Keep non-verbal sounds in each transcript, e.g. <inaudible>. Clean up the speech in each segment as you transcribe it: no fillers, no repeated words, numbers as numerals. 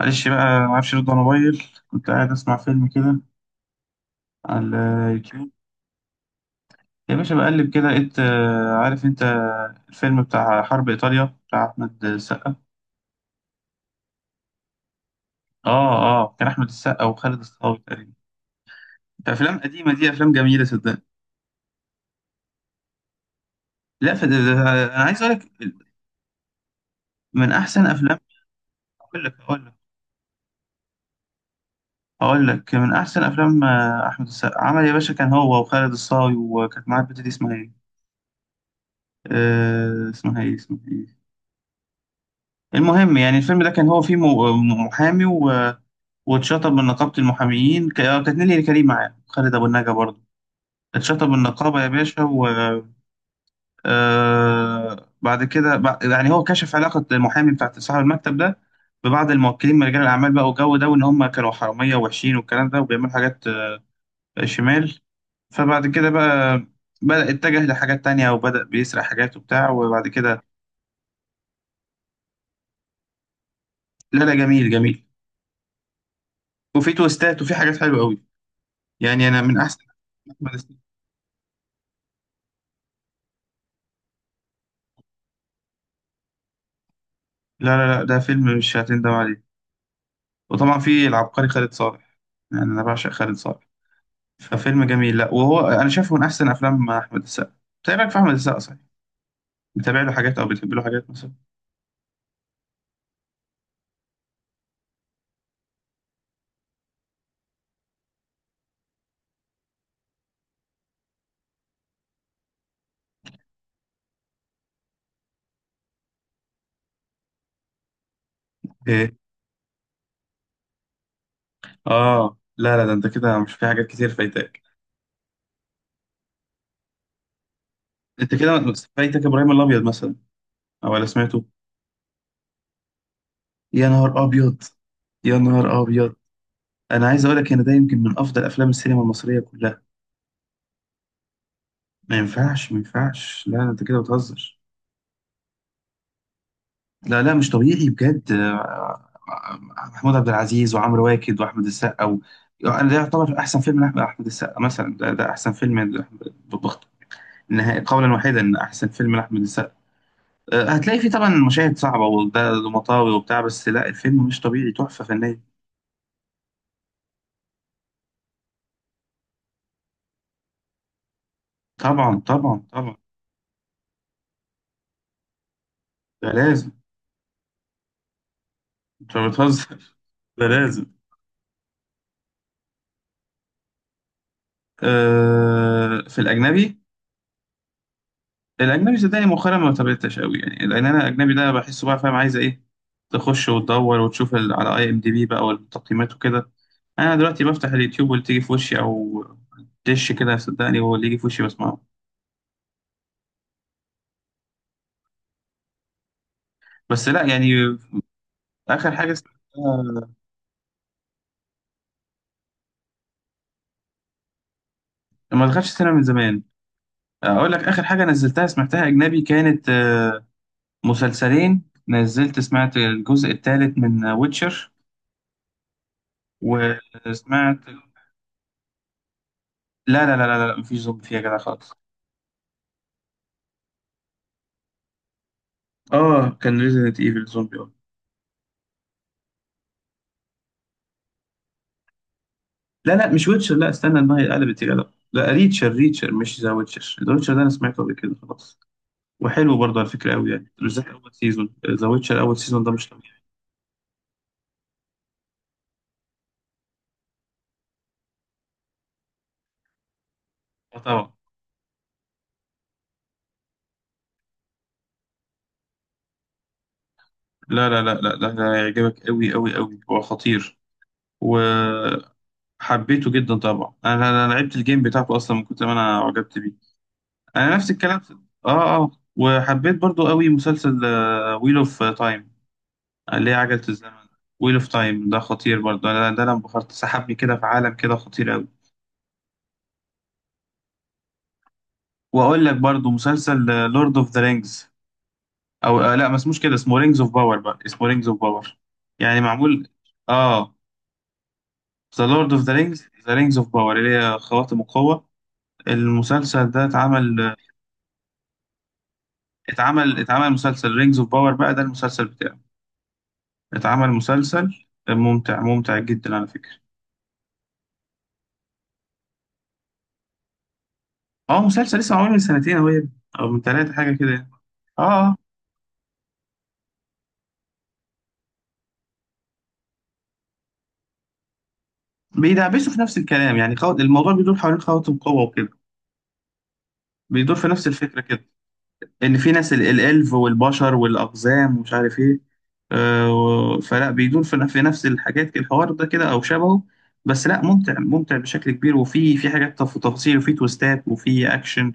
معلش بقى، ما اعرفش ارد على موبايل، كنت قاعد اسمع فيلم كده على اليوتيوب يا باشا. بقلب كده لقيت عارف انت الفيلم بتاع حرب ايطاليا بتاع احمد السقا؟ اه، اه، كان احمد السقا وخالد الصاوي تقريبا. ده افلام قديمه، دي افلام جميله صدقني. لا، فده انا عايز اقول لك من احسن افلام. اقول لك اقول لك اقول لك من احسن افلام، احمد السقا عمل يا باشا، كان هو وخالد الصاوي، وكانت معاه البت دي اسمها ايه. اسمها ايه؟ المهم يعني الفيلم ده كان هو فيه محامي و... واتشطب من نقابة المحاميين كانت نيلي كريم معاه خالد أبو النجا برضه. اتشطب من النقابة يا باشا و آه، بعد كده يعني هو كشف علاقة المحامي بتاع صاحب المكتب ده ببعض الموكلين من رجال الأعمال بقى، والجو ده، وإن هم كانوا حرامية ووحشين والكلام ده، وبيعملوا حاجات شمال. فبعد كده بقى بدأ اتجه لحاجات تانية، وبدأ بيسرق حاجات وبتاع، وبعد كده. لا لا، جميل جميل. وفي تويستات وفي حاجات حلوة أوي. يعني أنا من أحسن، أحمد السقا. لا لا لا، ده فيلم مش هتندم عليه. وطبعا في العبقري خالد صالح. يعني أنا بعشق خالد صالح. ففيلم جميل، لا وهو أنا شايفه من أحسن أفلام أحمد السقا. بتابعك في أحمد السقا صحيح؟ بتابع له حاجات أو بتحب له حاجات مثلا؟ إيه؟ آه، لا لا، ده أنت كده مش، في حاجات كتير فايتاك. أنت كده فايتك إبراهيم الأبيض مثلا؟ أو ولا سمعته؟ يا نهار أبيض! يا نهار أبيض! أنا عايز أقول لك إن ده يمكن من أفضل أفلام السينما المصرية كلها. ما ينفعش، ما ينفعش، لا لا، أنت كده بتهزر. لا لا، مش طبيعي بجد. محمود عبد العزيز وعمرو واكد واحمد السقا و... يعني ده يعتبر احسن فيلم لاحمد أحمد السقا مثلا، ده احسن فيلم بخت نهائي، قولا واحدا ان احسن فيلم لاحمد السقا. هتلاقي فيه طبعا مشاهد صعبه وده مطاوي وبتاع، بس لا الفيلم مش طبيعي، تحفه فنيه. طبعا، طبعا، طبعا. ده لازم. انت بتهزر! <laughs> ده لازم. في الاجنبي. الاجنبي صدقني مؤخرا ما تابعتش قوي يعني، لان انا الاجنبي ده بحسه بقى، فاهم عايزه ايه. تخش وتدور وتشوف على IMDB بقى، والتقييمات وكده. انا دلوقتي بفتح اليوتيوب واللي تيجي في وشي، او دش كده، صدقني هو اللي يجي في وشي بسمعه. بس لا يعني. اخر حاجه سمعتها، ما دخلتش السينما من زمان. اقول لك، اخر حاجه نزلتها سمعتها اجنبي كانت مسلسلين. نزلت سمعت الجزء الثالث من ويتشر، وسمعت. لا، لا، لا، لا، لا، مفيش زومبي فيها كده خالص. اه، كان ريزيدنت ايفل زومبي، اه. لا لا، مش ويتشر، لا، استنى، ان هي قلبت يا جدع. لا، ريتشر ريتشر، مش ذا ويتشر، ذا ويتشر ده انا سمعته قبل كده خلاص. وحلو برضه على فكره قوي يعني، بالذات اول سيزون ذا ويتشر، اول سيزون ده مش طبيعي. اه، طبعا. لا، لا، لا، لا، ده هيعجبك قوي قوي قوي، هو خطير، وحبيته جدا طبعا. انا انا أنا لعبت الجيم بتاعته اصلا، من كتر ما انا عجبت بيه. انا نفس الكلام اه، اه، وحبيت برضه قوي مسلسل ويل اوف تايم، اللي هي عجلة الزمن. ويل اوف تايم ده خطير برضه، انا ده انا انبهرت، سحبني كده في عالم كده خطير قوي. واقول لك برضه مسلسل لورد اوف ذا رينجز، او لا، ما اسموش كده، اسمه رينجز اوف باور بقى، اسمه رينجز اوف باور. يعني معمول. اه، ذا لورد اوف ذا رينجز، ذا رينجز اوف باور، اللي هي خواتم القوة. المسلسل ده اتعمل مسلسل رينجز اوف باور بقى، ده المسلسل بتاعه. اتعمل مسلسل ممتع، ممتع جدا على فكرة. اه، مسلسل لسه معمول من سنتين اهو يا ابني، او من ثلاثة حاجة كده يعني. اه، آه. بيدعبسوا في نفس الكلام يعني، الموضوع بيدور حوالين خواتم قوة وكده، بيدور في نفس الفكرة كده. إن في ناس الإلف والبشر والأقزام ومش عارف إيه، فلا بيدور في نفس الحاجات كده، الحوار ده كده أو شبهه. بس لا، ممتع ممتع بشكل كبير، وفي حاجات تفاصيل، وفي تويستات، وفي أكشن.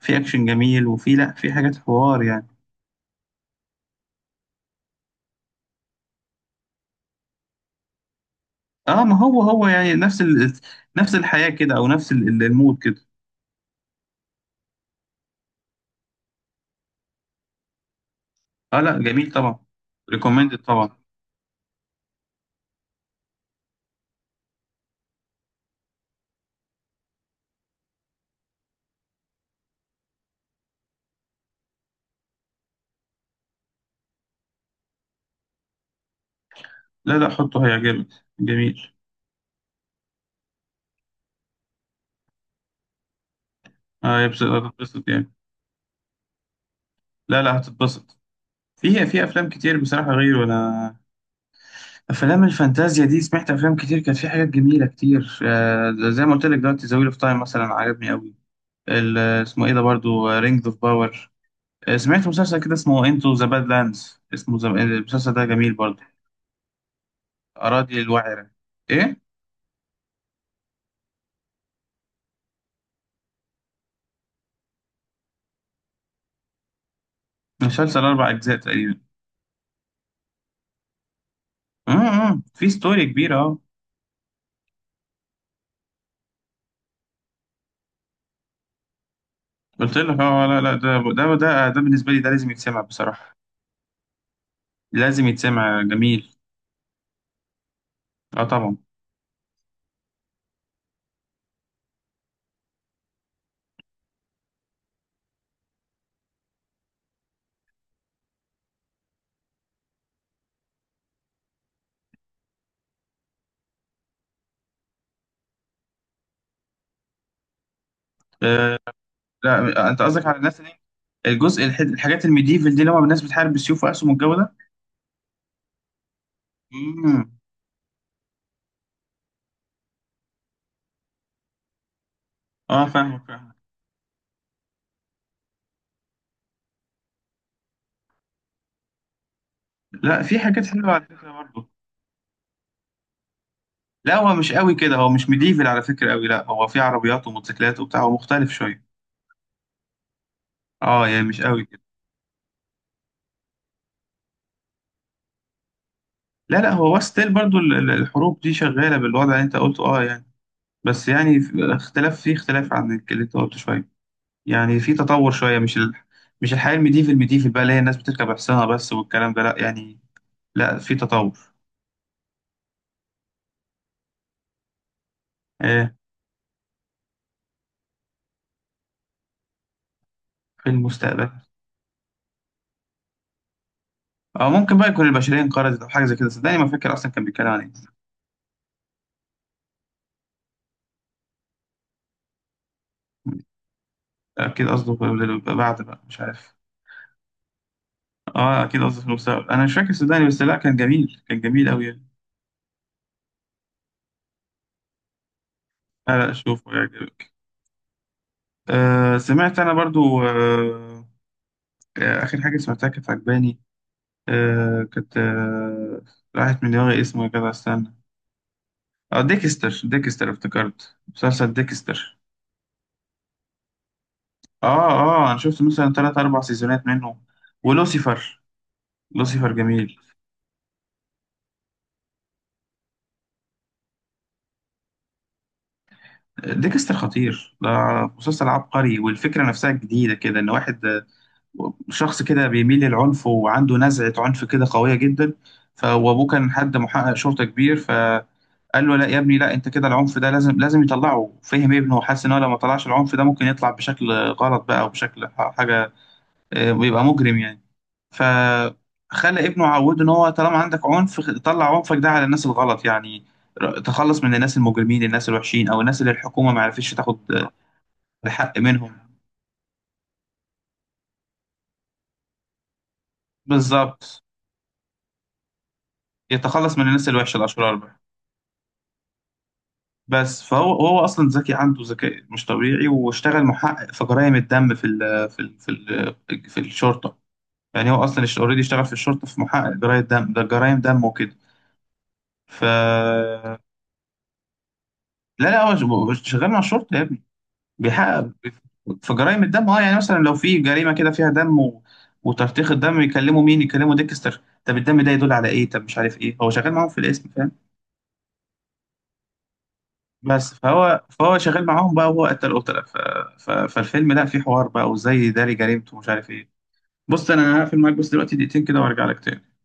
في أكشن جميل، وفي لا في حاجات حوار يعني. اه، ما هو يعني نفس ال... نفس الحياة كده، أو نفس المود كده. اه، لا، جميل طبعا. ريكومندد طبعا. لا لا، حطه هيعجبك، جميل. اه، هتتبسط يعني. لا لا، هتتبسط. في افلام كتير بصراحه غيره انا. افلام الفانتازيا دي سمعت افلام كتير كانت في حاجات جميله كتير، زي ما قلت لك دلوقتي، ذا ويل اوف تايم مثلا عجبني قوي. اسمه ايه ده برضو، رينجز اوف باور. سمعت مسلسل كده اسمه انتو ذا باد لاندز، اسمه المسلسل ده جميل برضو. اراضي الوعره. ايه، مسلسل اربع اجزاء تقريبا. أمم. في ستوري كبيره، اه. قلت لك، اه، لا لا، ده بالنسبه لي، ده لازم يتسمع بصراحه. لازم يتسمع، جميل. اه، طبعا. آه، لا، انت قصدك على الناس اللي... الحاجات الميديفل دي، اللي هم الناس بتحارب بالسيوف واسهم والجو ده. امم اه، فاهمك فاهمك. لا، في حاجات حلوه على فكره برضه. لا، هو مش قوي كده، هو مش ميديفل على فكره قوي، لا، هو في عربيات وموتوسيكلات وبتاع، هو مختلف شويه. اه يعني مش قوي كده. لا لا، هو ستيل برضه الحروب دي شغاله بالوضع اللي انت قلته، اه يعني. بس يعني في اختلاف عن اللي انت قلته شويه، يعني في تطور شويه، مش ال... مش الحياه الميديفل ميديفل بقى، اللي هي الناس بتركب حصانه بس والكلام ده، لا يعني. لا، في تطور. آه، في المستقبل، أو ممكن بقى يكون البشرية انقرضت أو حاجة زي كده، صدقني ما فاكر أصلا كان بيتكلم عن إيه. أكيد قصده بعد بقى، مش عارف. أه، أكيد قصده في المستقبل، أنا مش فاكر صدقني، بس لا كان جميل، كان جميل أوي يعني. لا لا، شوفه يعجبك. آه، سمعت أنا برضو، آه. آخر حاجة سمعتها كانت عجباني، كانت راحت من دماغي اسمه يا جدع، استنى. أه، ديكستر، ديكستر، افتكرت مسلسل ديكستر. اه، اه، انا شفت مثلا ثلاث اربع سيزونات منه، ولوسيفر. لوسيفر جميل. ديكستر خطير، ده مسلسل عبقري، والفكره نفسها جديده كده، ان واحد، شخص كده بيميل للعنف وعنده نزعه عنف كده قويه جدا. فابوه كان حد محقق شرطه كبير، فقال له: لا يا ابني، لا، انت كده العنف ده لازم لازم يطلعه. فهم ابنه وحس ان هو لو ما طلعش العنف ده ممكن يطلع بشكل غلط بقى، وبشكل حاجه، بيبقى مجرم يعني. فخلى ابنه عوده، ان هو طالما عندك عنف طلع عنفك ده على الناس الغلط يعني، تخلص من الناس المجرمين، الناس الوحشين، او الناس اللي الحكومه ما عرفتش تاخد الحق منهم. بالظبط، يتخلص من الناس الوحشه الاشرار بقى. بس فهو اصلا ذكي، عنده ذكاء مش طبيعي، واشتغل محقق في جرائم الدم في الشرطه. يعني هو اصلا اوريدي اشتغل في الشرطه، في محقق جرائم دم، ده جرائم دم وكده. ف لا لا، هو شغال مع الشرطه يا ابني، بيحقق في جرائم الدم، اه. يعني مثلا لو في جريمه كده فيها دم و... وترتيخ الدم، يكلموا مين؟ يكلموا ديكستر. طب الدم ده يدل على ايه؟ طب مش عارف ايه، هو شغال معاهم في الاسم، فاهم؟ بس فهو شغال معاهم بقى، وهو قتل قتله، فالفيلم، لا فيه حوار بقى، وازاي يداري جريمته ومش عارف ايه. بص، انا هقفل معاك بس دلوقتي دقيقتين كده، وارجع لك تاني.